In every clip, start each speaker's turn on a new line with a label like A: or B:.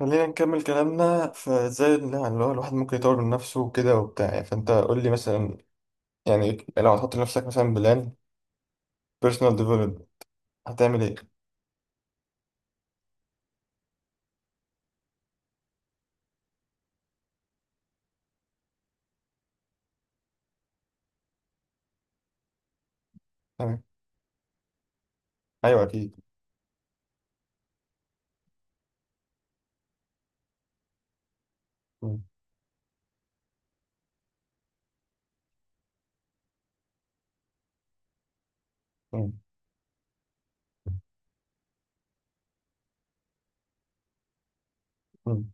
A: خلينا نكمل كلامنا. فازاي اللي هو الواحد ممكن يطور من نفسه وكده وبتاع، يعني فانت قول لي مثلا، يعني لو هتحط لنفسك مثلا بلان بيرسونال ديفلوبمنت هتعمل ايه؟ تمام. ايوه اكيد. مم. مم. مم.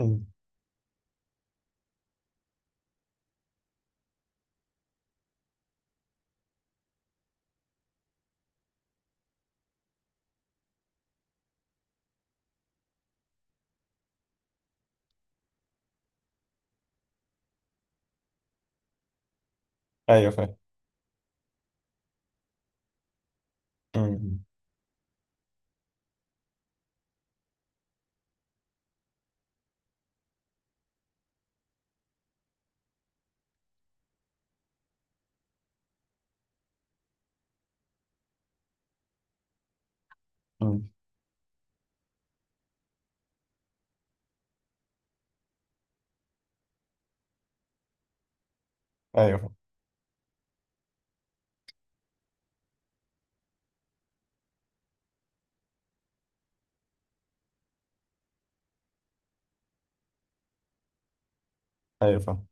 A: مم. ايوه فاهم. مم. مم. ايوه فاهم. ايوه فاهم.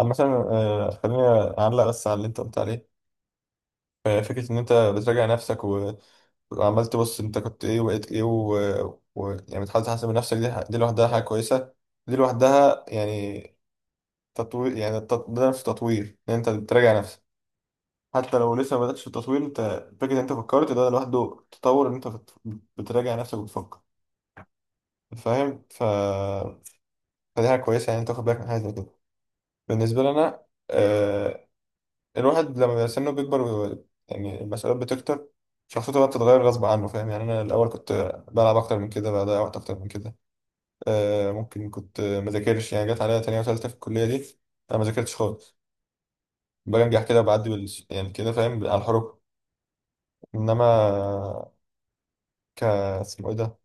A: اما مثلا، خليني اعلق بس على اللي انت قلت عليه. فكرة إن أنت بتراجع نفسك وعمال تبص أنت كنت إيه وبقيت إيه يعني بتحاول تحسن من نفسك، دي لوحدها حاجة كويسة. دي لوحدها يعني تطوير، يعني ده نفسه تطوير ان انت بتراجع نفسك، حتى لو لسه ما بداتش في التطوير. انت فكره ان انت فكرت ده لوحده تطور ان انت بتراجع نفسك وبتفكر، فاهم. فدي حاجه كويسه، يعني انت تاخد بالك من حاجه زي كده. بالنسبه لي انا، آه... الواحد لما بيبقى سنه بيكبر يعني المسؤوليات بتكتر، شخصيته بقى بتتغير غصب عنه، فاهم يعني. انا الاول كنت بلعب اكتر من كده، بضيع وقت اكتر من كده. ممكن كنت ما ذاكرش، يعني جت عليا تانية وتالتة في الكليه دي انا ما ذاكرتش خالص، بنجح كده بعدي يعني كده، فاهم، على الحروف. انما ك اسمه ايه ده،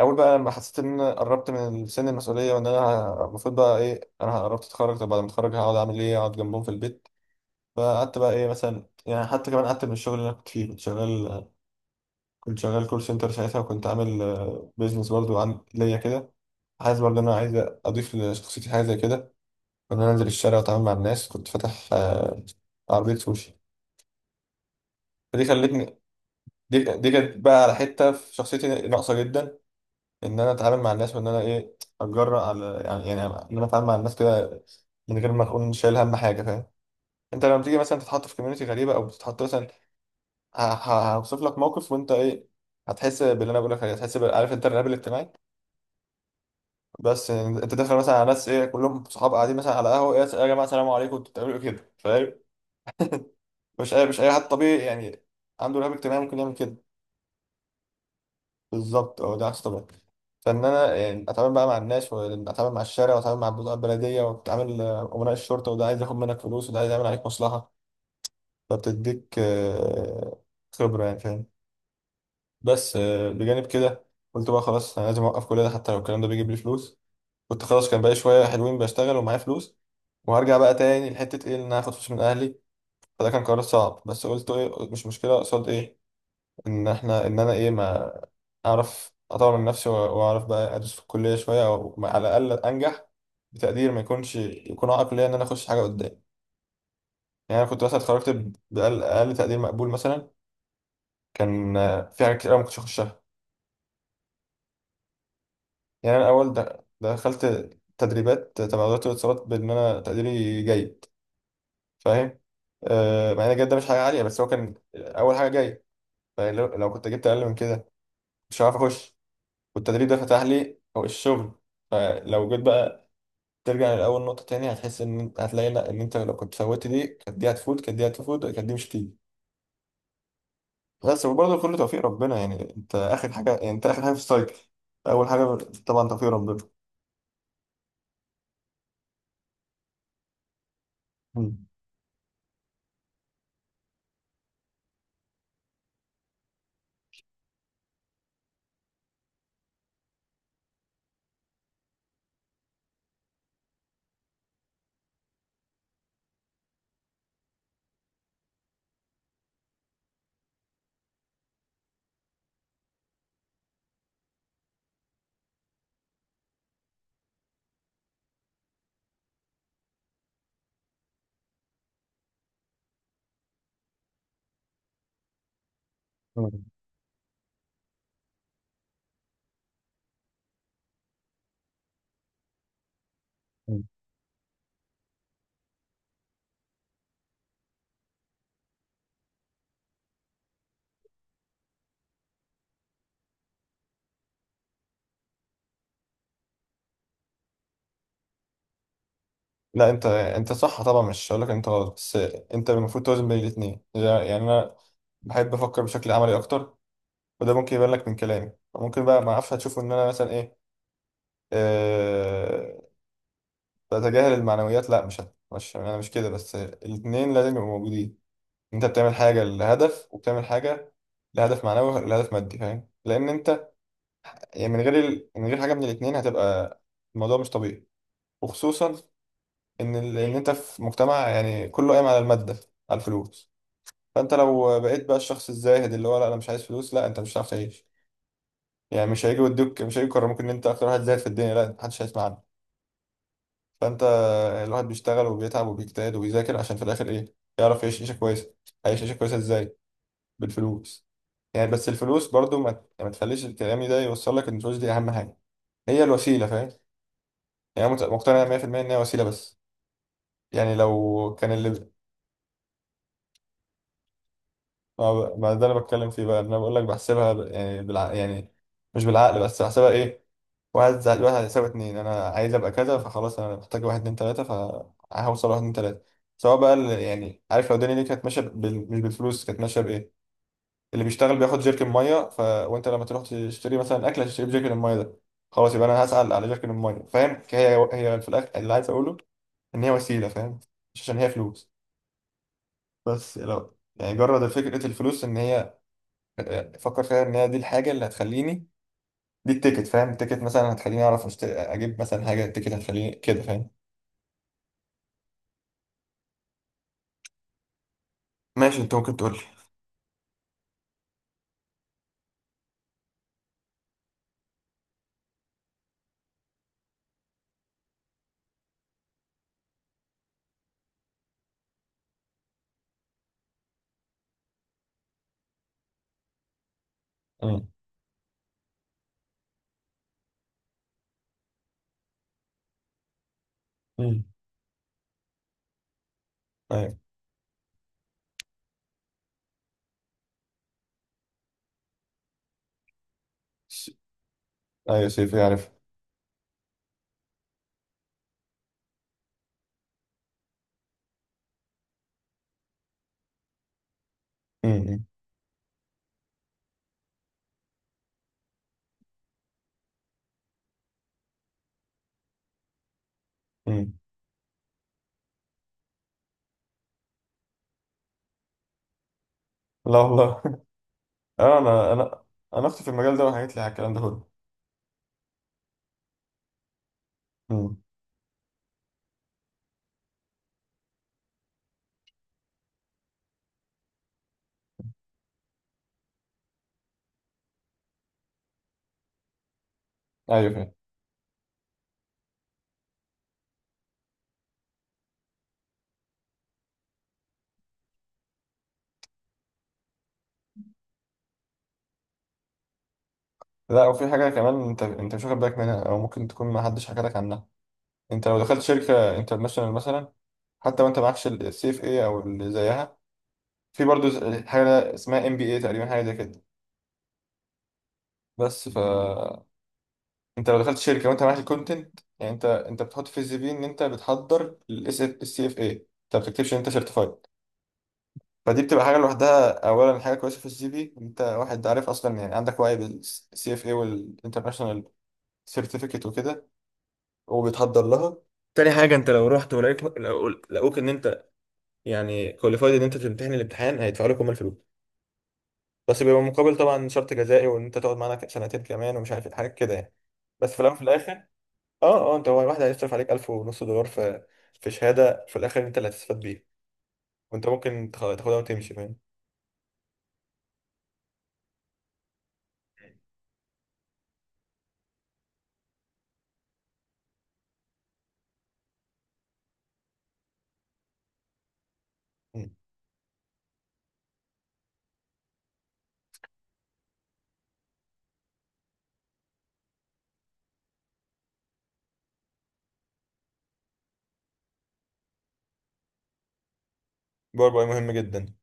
A: اول بقى لما حسيت ان انا قربت من سن المسؤوليه، وان انا المفروض بقى ايه، انا قربت اتخرج. طب بعد ما اتخرج هقعد اعمل ايه، اقعد جنبهم في البيت؟ فقعدت بقى ايه مثلا، يعني حتى كمان قعدت من الشغل اللي انا كنت فيه. كنت شغال، كنت شغال كول سنتر ساعتها، وكنت عامل بيزنس برضه عن ليا كده. حاسس برضه ان انا عايز اضيف لشخصيتي حاجه زي كده، ان انا انزل الشارع واتعامل مع الناس. كنت فاتح عربيه سوشي. فدي خلتني، دي كانت بقى على حته في شخصيتي ناقصه جدا، ان انا اتعامل مع الناس، وان انا ايه، اتجرأ على يعني ان انا اتعامل مع الناس كده من غير ما اكون شايل هم حاجه، فاهم. انت لما تيجي مثلا تتحط في كوميونتي غريبه، او تتحط مثلا، هوصف لك موقف وانت ايه، هتحس باللي انا بقول لك عليه. هتحس عارف انت الرهاب الاجتماعي؟ بس انت داخل مثلا على ناس ايه، كلهم صحاب قاعدين مثلا على قهوه، ايه يا جماعه السلام عليكم انتوا بتعملوا ايه كده، فاهم. مش اي حد طبيعي يعني عنده رهاب اجتماعي ممكن يعمل كده. بالظبط، اه ده احسن طبعا. فان انا يعني اتعامل بقى مع الناس، واتعامل مع الشارع، واتعامل مع البضاعه البلديه، واتعامل امناء الشرطه، وده عايز ياخد منك فلوس، وده عايز يعمل عليك مصلحه. فبتديك خبره يعني، فاهم. بس بجانب كده قلت بقى خلاص انا لازم اوقف كل ده، حتى لو الكلام ده بيجيب لي فلوس. كنت خلاص كان بقى شويه حلوين بشتغل ومعايا فلوس، وهرجع بقى تاني لحته ايه، ان انا هاخد فلوس من اهلي. فده كان قرار صعب، بس قلت ايه، مش مشكله قصاد ايه، ان احنا ان انا ايه، ما اعرف اطور من نفسي، واعرف بقى ادرس في الكليه شويه، او على الاقل انجح بتقدير ما يكونش يكون عائق ليا ان انا اخش حاجه قدام. يعني انا كنت مثلا اتخرجت ب- باقل أقل تقدير مقبول مثلا، كان في حاجات كتير أوي ما كنتش اخشها. يعني انا الاول دخلت تدريبات تبع وزاره الاتصالات بان انا تقديري جيد، فاهم. مع ان الجيد ده مش حاجه عاليه، بس هو كان اول حاجه جاي. لو كنت جبت اقل من كده مش هعرف اخش، والتدريب ده فتح لي أو الشغل. فلو جيت بقى ترجع لأول نقطة تاني هتحس إن أنت هتلاقي، لأ، إن أنت لو كنت فوتت دي كانت دي هتفوت، كانت دي هتفوت. كانت دي مش هتيجي. بس وبرضه كله توفيق ربنا، يعني أنت آخر حاجة، يعني أنت آخر حاجة في السايكل. أول حاجة طبعا توفيق ربنا. مم. مم. مم. لا أنت، أنت صح طبعا، مش هقول لك أنت غلط، بس أنت المفروض توازن بين الاتنين. يعني أنا بحب أفكر بشكل عملي أكتر، وده ممكن يبان لك من كلامي، ممكن بقى ما أعرفش هتشوفه إن أنا مثلا إيه، أه... بتجاهل المعنويات. لا، مش أنا مش كده، بس الاتنين لازم يبقوا موجودين. انت بتعمل حاجه لهدف، وبتعمل حاجه لهدف معنوي، لهدف مادي، فاهم، لان انت يعني من غير من غير حاجه من الاثنين هتبقى الموضوع مش طبيعي. وخصوصا ان ان انت في مجتمع يعني كله قايم على الماده، على الفلوس. فانت لو بقيت بقى الشخص الزاهد اللي هو لا انا مش عايز فلوس، لا انت مش هتعرف تعيش. يعني مش هيجي يدوك، مش هيجي يكرموك ان انت اكتر واحد زاهد في الدنيا، لا، محدش هيسمع عنك. فانت الواحد بيشتغل وبيتعب وبيجتهد وبيذاكر عشان في الاخر ايه، يعرف يعيش عيشه كويسه. هيعيش عيشه كويسه ازاي؟ بالفلوس. يعني بس الفلوس برضو ما تخليش الكلام ده يوصل لك ان الفلوس دي اهم حاجه، هي الوسيله، فاهم. يعني أنا مقتنع 100% ان هي وسيله بس. يعني لو كان اللي ما, ما ده انا بتكلم فيه بقى، إن انا بقول لك بحسبها يعني يعني مش بالعقل بس، بحسبها ايه، واحد زائد واحد هيساوي اتنين. انا عايز ابقى كذا، فخلاص انا محتاج واحد اتنين تلاته، فهوصل واحد اتنين تلاته. سواء بقى يعني عارف، لو الدنيا دي كانت ماشيه مش بالفلوس، كانت ماشيه اللي بيشتغل بياخد جيركن ميه، وانت لما تروح تشتري مثلا اكل هتشتري بجيركن الميه ده. خلاص يبقى انا هسأل على جيركن الميه، فاهم، هي هي في الاخر اللي عايز اقوله ان هي وسيله، فاهم، مش عشان هي فلوس. بس لو يعني جرد فكره الفلوس، ان هي، فكر فيها ان هي دي الحاجه اللي هتخليني، دي التيكت، فاهم، التيكت مثلا هتخليني اعرف اجيب مثلا حاجه، التيكت هتخليني كده، فاهم. ماشي انت ممكن تقول لي. امم. امم. ايوه. س- ايوه سيف يعرف. امم. امم. لا والله اه انا انا، انا اختي في المجال ده وحكيت لي على الكلام ده كله. امم. ايوه فاهم. لا وفي حاجه كمان انت، مش واخد بالك منها، او ممكن تكون ما حدش حكى لك عنها. انت لو دخلت شركه انترناشونال مثلا، حتى وانت معكش السي اف اي او اللي زيها، في برضو حاجه اسمها ام بي اي تقريبا، حاجه زي كده. بس ف انت لو دخلت شركه وانت معاك الكونتنت، يعني انت بتحط في السي في ان انت بتحضر السي اف اي، انت ما بتكتبش ان انت سيرتيفايد. فدي بتبقى حاجه لوحدها. اولا حاجه كويسه في السي في، انت واحد عارف اصلا يعني، عندك وعي بالسي اف اي والانترناشونال سيرتيفيكت وكده، وبيتحضر لها. تاني حاجة، انت لو رحت ولقيت لقوك ان انت يعني كواليفايد ان انت تمتحن الامتحان، هيدفعوا لك هم الفلوس، بس بيبقى مقابل طبعا شرط جزائي، وان انت تقعد معانا سنتين كمان، ومش عارف إيه، حاجات كده يعني. بس في الاول وفي الاخر، اه اه، انت هو واحد هيصرف عليك 1000 ونص دولار في في شهادة، في الاخر انت اللي هتستفاد بيها، وانت ممكن تاخدها وتمشي، فاهم. مم. باور بي اي مهم جدا.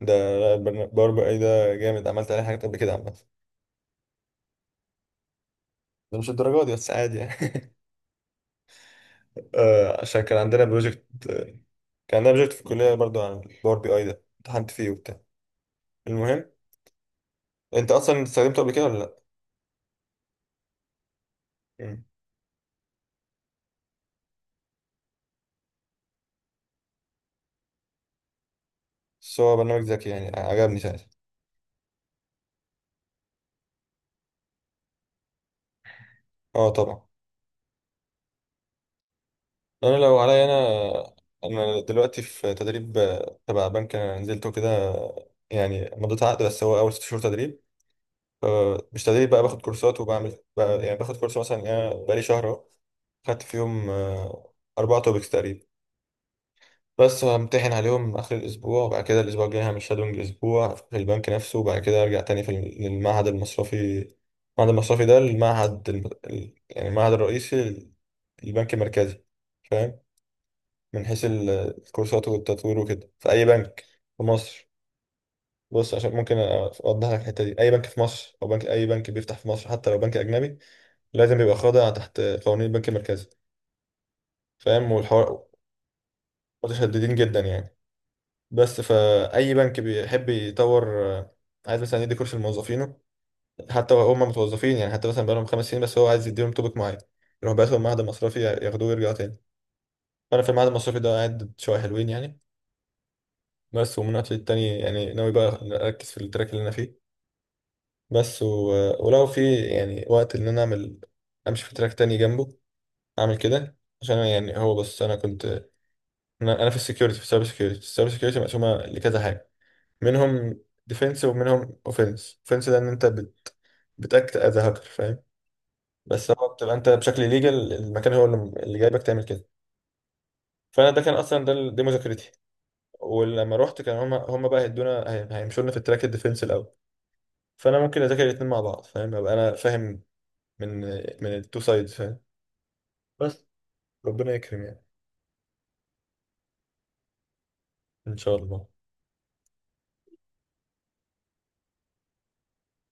A: ده باور بي اي ده جامد، عملت عليه حاجات قبل كده عامة. ده مش الدرجات دي بس، عادي يعني عشان كان عندنا بروجكت، كان عندنا بروجكت في الكلية برضو عن الباور بي اي ده، امتحنت فيه وبتاع. المهم، انت اصلا استخدمته قبل كده ولا لا؟ مم. بس هو برنامج ذكي يعني، عجبني ساعتها. اه طبعا. انا لو عليا انا، انا دلوقتي في تدريب تبع بنك، انا نزلته كده، يعني مضيت عقد، بس هو اول 6 شهور تدريب. مش تدريب بقى، باخد كورسات وبعمل بقى، يعني باخد كورس مثلا، انا بقالي شهر اهو، خدت فيهم 4 توبكس تقريبا، بس همتحن عليهم آخر الأسبوع، وبعد كده الأسبوع الجاي هعمل شادونج أسبوع في البنك نفسه، وبعد كده أرجع تاني في للمعهد المصرفي. المعهد المصرفي ده المعهد يعني المعهد الرئيسي للبنك المركزي، فاهم، من حيث الكورسات والتطوير وكده، في أي بنك في مصر. بص عشان ممكن أوضح لك الحتة دي، أي بنك في مصر، أو بنك، أي بنك بيفتح في مصر حتى لو بنك أجنبي، لازم يبقى خاضع تحت قوانين البنك المركزي، فاهم، والحوار متشددين جدا يعني. بس فأي بنك بيحب يطور، آه، عايز مثلا يدي كورس لموظفينه، حتى لو هم متوظفين يعني، حتى مثلا بقالهم 5 سنين، بس هو عايز يديهم توبيك معين، يروح بعتهم معهد مصرفي ياخدوه ويرجعوا تاني. فأنا في المعهد المصرفي ده قاعد شوية حلوين يعني. بس ومن وقت للتاني يعني ناوي بقى أركز في التراك اللي أنا فيه بس، ولو في يعني وقت إن أنا أعمل، أمشي في تراك تاني جنبه، أعمل كده عشان يعني. هو بس أنا كنت، أنا، أنا في السكيورتي في السايبر سكيورتي. السايبر سكيورتي مقسومة لكذا حاجة، منهم ديفنس ومنهم اوفنس. اوفنس ده ان انت بتاكت از هاكر، فاهم، بس هو بتبقى انت بشكل ليجل، المكان هو اللي جايبك تعمل كده. فانا ده كان اصلا، دي مذاكرتي. ولما رحت كان هما بقى هيدونا، هيمشوا لنا في التراك الديفنس الاول، فانا ممكن اذاكر الاثنين مع بعض، فاهم، ابقى انا فاهم من، من التو سايدز، فاهم. بس ربنا يكرم يعني. ان شاء الله.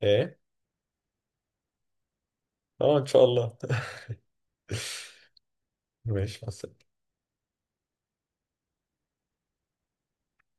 A: ايه؟ اه ان شاء الله ماشي مع السلامة.